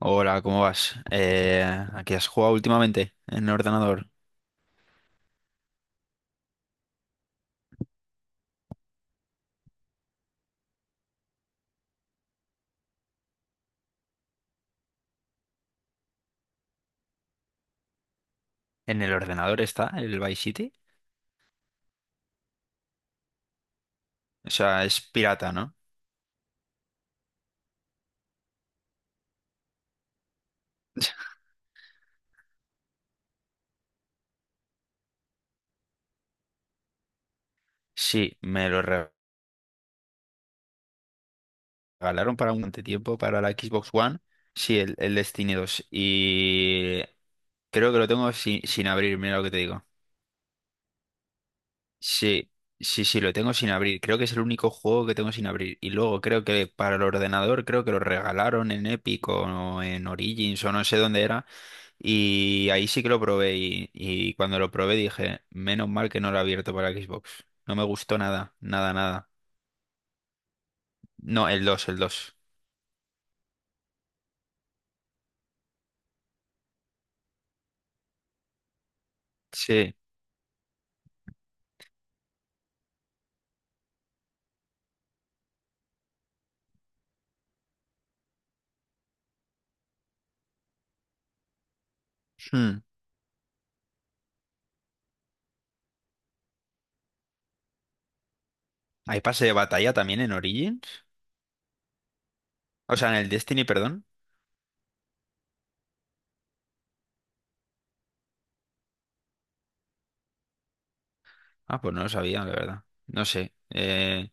Hola, ¿cómo vas? ¿A qué has jugado últimamente en el ordenador? ¿En el ordenador está el Vice City? O sea, es pirata, ¿no? Sí, me lo regalaron para un tiempo para la Xbox One. Sí, el Destiny dos. Y creo que lo tengo sin abrir, mira lo que te digo. Sí, sí, sí, lo tengo sin abrir. Creo que es el único juego que tengo sin abrir. Y luego creo que para el ordenador, creo que lo regalaron en Epic o en Origins o no sé dónde era. Y ahí sí que lo probé y cuando lo probé dije, menos mal que no lo he abierto para Xbox. No me gustó nada, nada, nada. No, el dos. Sí. Hmm. ¿Hay pase de batalla también en Origins? O sea, en el Destiny, perdón. Ah, pues no lo sabía, la verdad. No sé.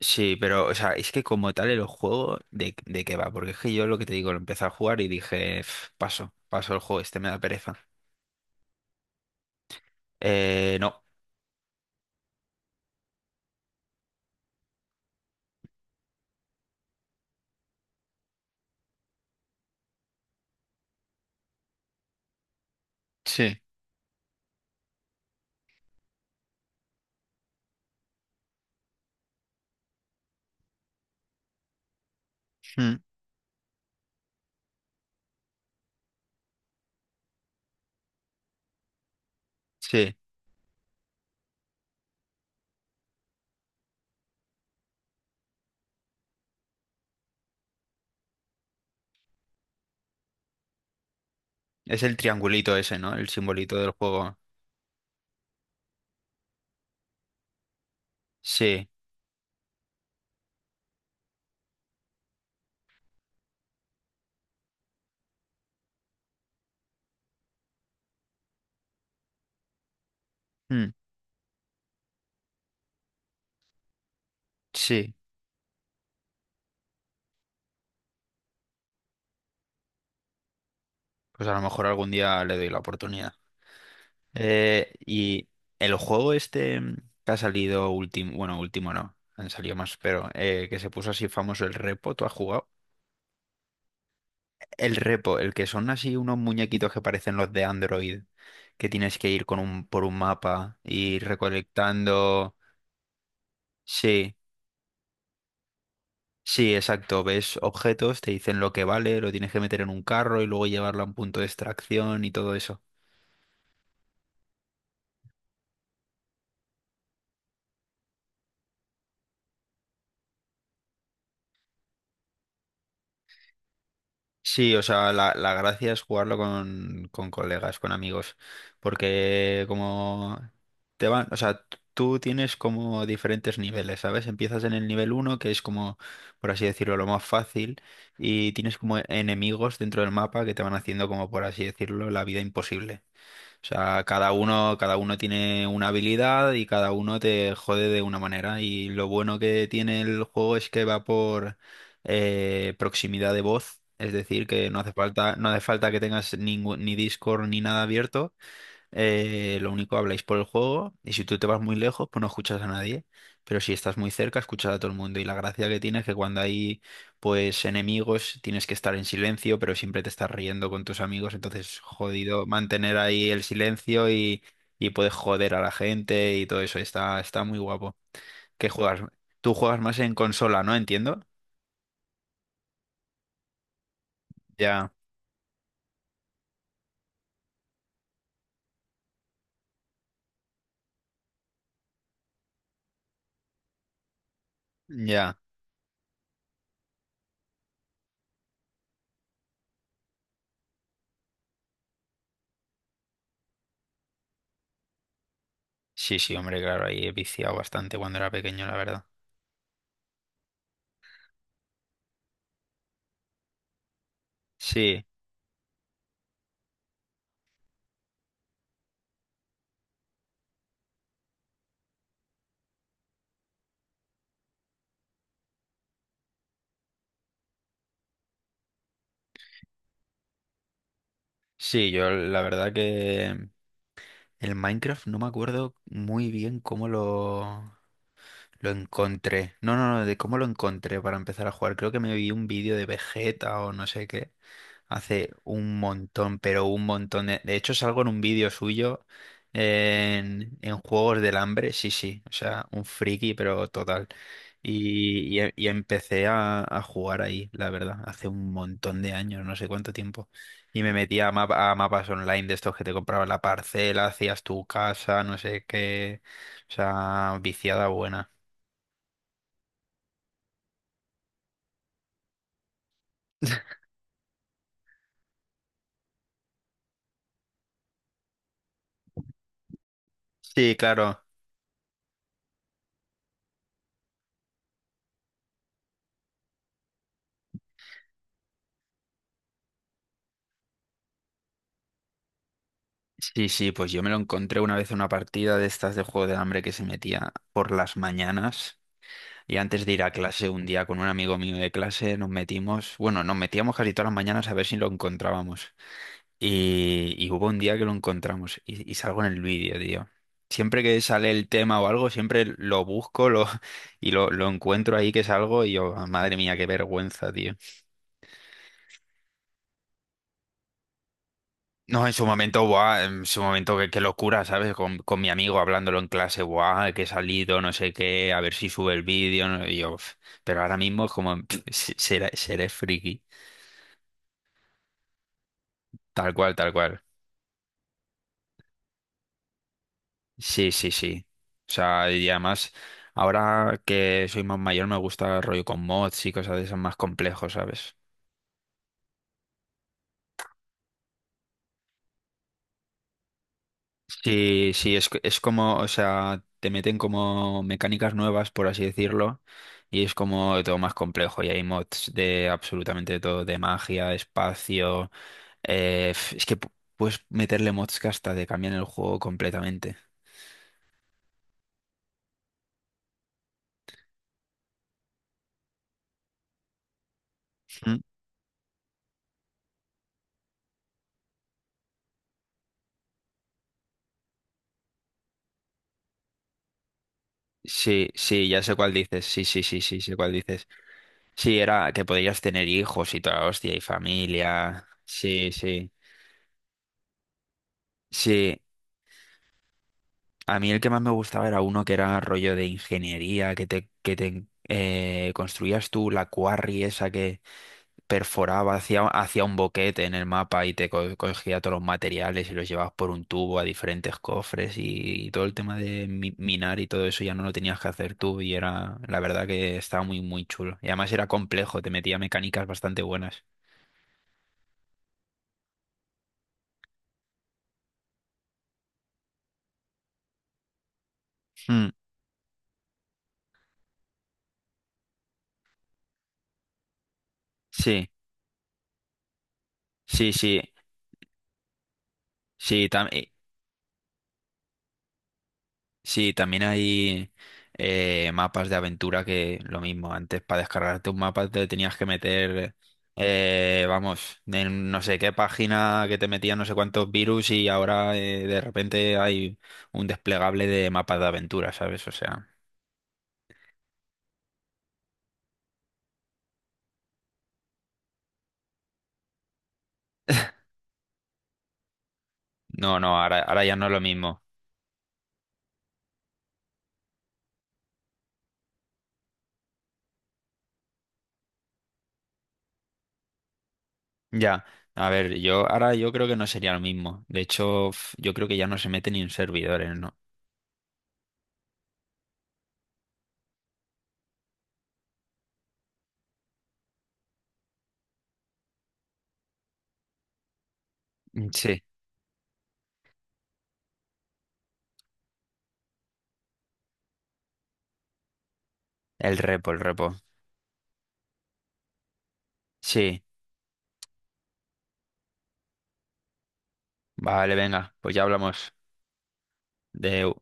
Sí, pero, o sea, es que como tal el juego, de qué va? Porque es que yo lo que te digo, lo empecé a jugar y dije, "Pf, paso, paso el juego, este me da pereza". No. Sí. Hmm. Sí. Es el triangulito ese, ¿no? El simbolito del juego. Sí, mm, sí. Pues a lo mejor algún día le doy la oportunidad. Y el juego este, que ha salido último, bueno, último no, han salido más, pero que se puso así famoso, el Repo, ¿tú has jugado? El Repo, el que son así unos muñequitos que parecen los de Android, que tienes que ir por un mapa y recolectando. Sí. Sí, exacto. Ves objetos, te dicen lo que vale, lo tienes que meter en un carro y luego llevarlo a un punto de extracción y todo eso. Sí, o sea, la gracia es jugarlo con colegas, con amigos, porque como te van, o sea, tú tienes como diferentes niveles, ¿sabes? Empiezas en el nivel uno que es como, por así decirlo, lo más fácil, y tienes como enemigos dentro del mapa que te van haciendo como, por así decirlo, la vida imposible. O sea, cada uno tiene una habilidad y cada uno te jode de una manera. Y lo bueno que tiene el juego es que va por proximidad de voz. Es decir, que no hace falta, no hace falta que tengas ningún, ni Discord ni nada abierto, lo único habláis por el juego y si tú te vas muy lejos, pues no escuchas a nadie. Pero si estás muy cerca, escuchas a todo el mundo. Y la gracia que tiene es que cuando hay pues enemigos, tienes que estar en silencio, pero siempre te estás riendo con tus amigos. Entonces, jodido mantener ahí el silencio , y puedes joder a la gente y todo eso. Está, está muy guapo. ¿Qué juegas? Tú juegas más en consola, ¿no? Entiendo. Ya, ya. Sí, sí, hombre, claro, ahí he viciado bastante cuando era pequeño, la verdad. Sí, sí, yo la verdad que el Minecraft no me acuerdo muy bien cómo lo encontré. No, no, no, de cómo lo encontré para empezar a jugar. Creo que me vi un vídeo de Vegeta o no sé qué. Hace un montón, pero un montón. De hecho, salgo en un vídeo suyo en Juegos del Hambre. Sí, sí. O sea, un friki, pero total. Y empecé a jugar ahí, la verdad. Hace un montón de años, no sé cuánto tiempo. Y me metía a mapas online de estos que te compraban la parcela, hacías tu casa, no sé qué. O sea, viciada buena. Sí, claro. Sí, sí, pues yo me lo encontré una vez en una partida de estas de Juego del Hambre que se metía por las mañanas. Y antes de ir a clase, un día con un amigo mío de clase nos metimos, bueno, nos metíamos casi todas las mañanas a ver si lo encontrábamos. Y hubo un día que lo encontramos y salgo en el vídeo, tío. Siempre que sale el tema o algo, siempre lo busco, y lo encuentro ahí que salgo y yo, "Ah, madre mía, qué vergüenza, tío". No, en su momento, buah, en su momento, qué, qué locura, ¿sabes? Con mi amigo hablándolo en clase, buah, que he salido, no sé qué, a ver si sube el vídeo, y yo, "Uf". Pero ahora mismo es como, pff, seré friki, tal cual, tal cual. Sí, sí, sí. O sea, y además, ahora que soy más mayor me gusta rollo con mods y cosas de esas más complejos, ¿sabes? Sí, sí, es como, o sea, te meten como mecánicas nuevas, por así decirlo, y es como todo más complejo. Y hay mods de absolutamente todo, de magia, espacio. eh, f- es que pu- Puedes meterle mods que hasta te cambian el juego completamente. Mm. Sí, sí, ya sé cuál dices. Sí, sí, sí, sí, sé cuál dices. Sí, era que podías tener hijos y toda la hostia, y familia. Sí, sí. Sí, a mí el que más me gustaba era uno que era rollo de ingeniería, que te construías tú la quarry esa que perforaba hacia, hacia un boquete en el mapa y cogía todos los materiales y los llevabas por un tubo a diferentes cofres y todo el tema de minar y todo eso ya no lo tenías que hacer tú y era, la verdad que estaba muy, muy chulo. Y además era complejo, te metía mecánicas bastante buenas. Mm, sí, sí, sí. Sí, sí, también hay mapas de aventura que lo mismo, antes para descargarte un mapa te tenías que meter, vamos, en no sé qué página que te metían no sé cuántos virus y ahora de repente hay un desplegable de mapas de aventura, ¿sabes? O sea, no, no, ahora, ahora ya no es lo mismo. Ya, a ver, yo ahora yo creo que no sería lo mismo. De hecho, yo creo que ya no se mete ni en servidores, ¿no? Mm, sí, el repo, el repo. Sí, vale, venga, pues ya hablamos de...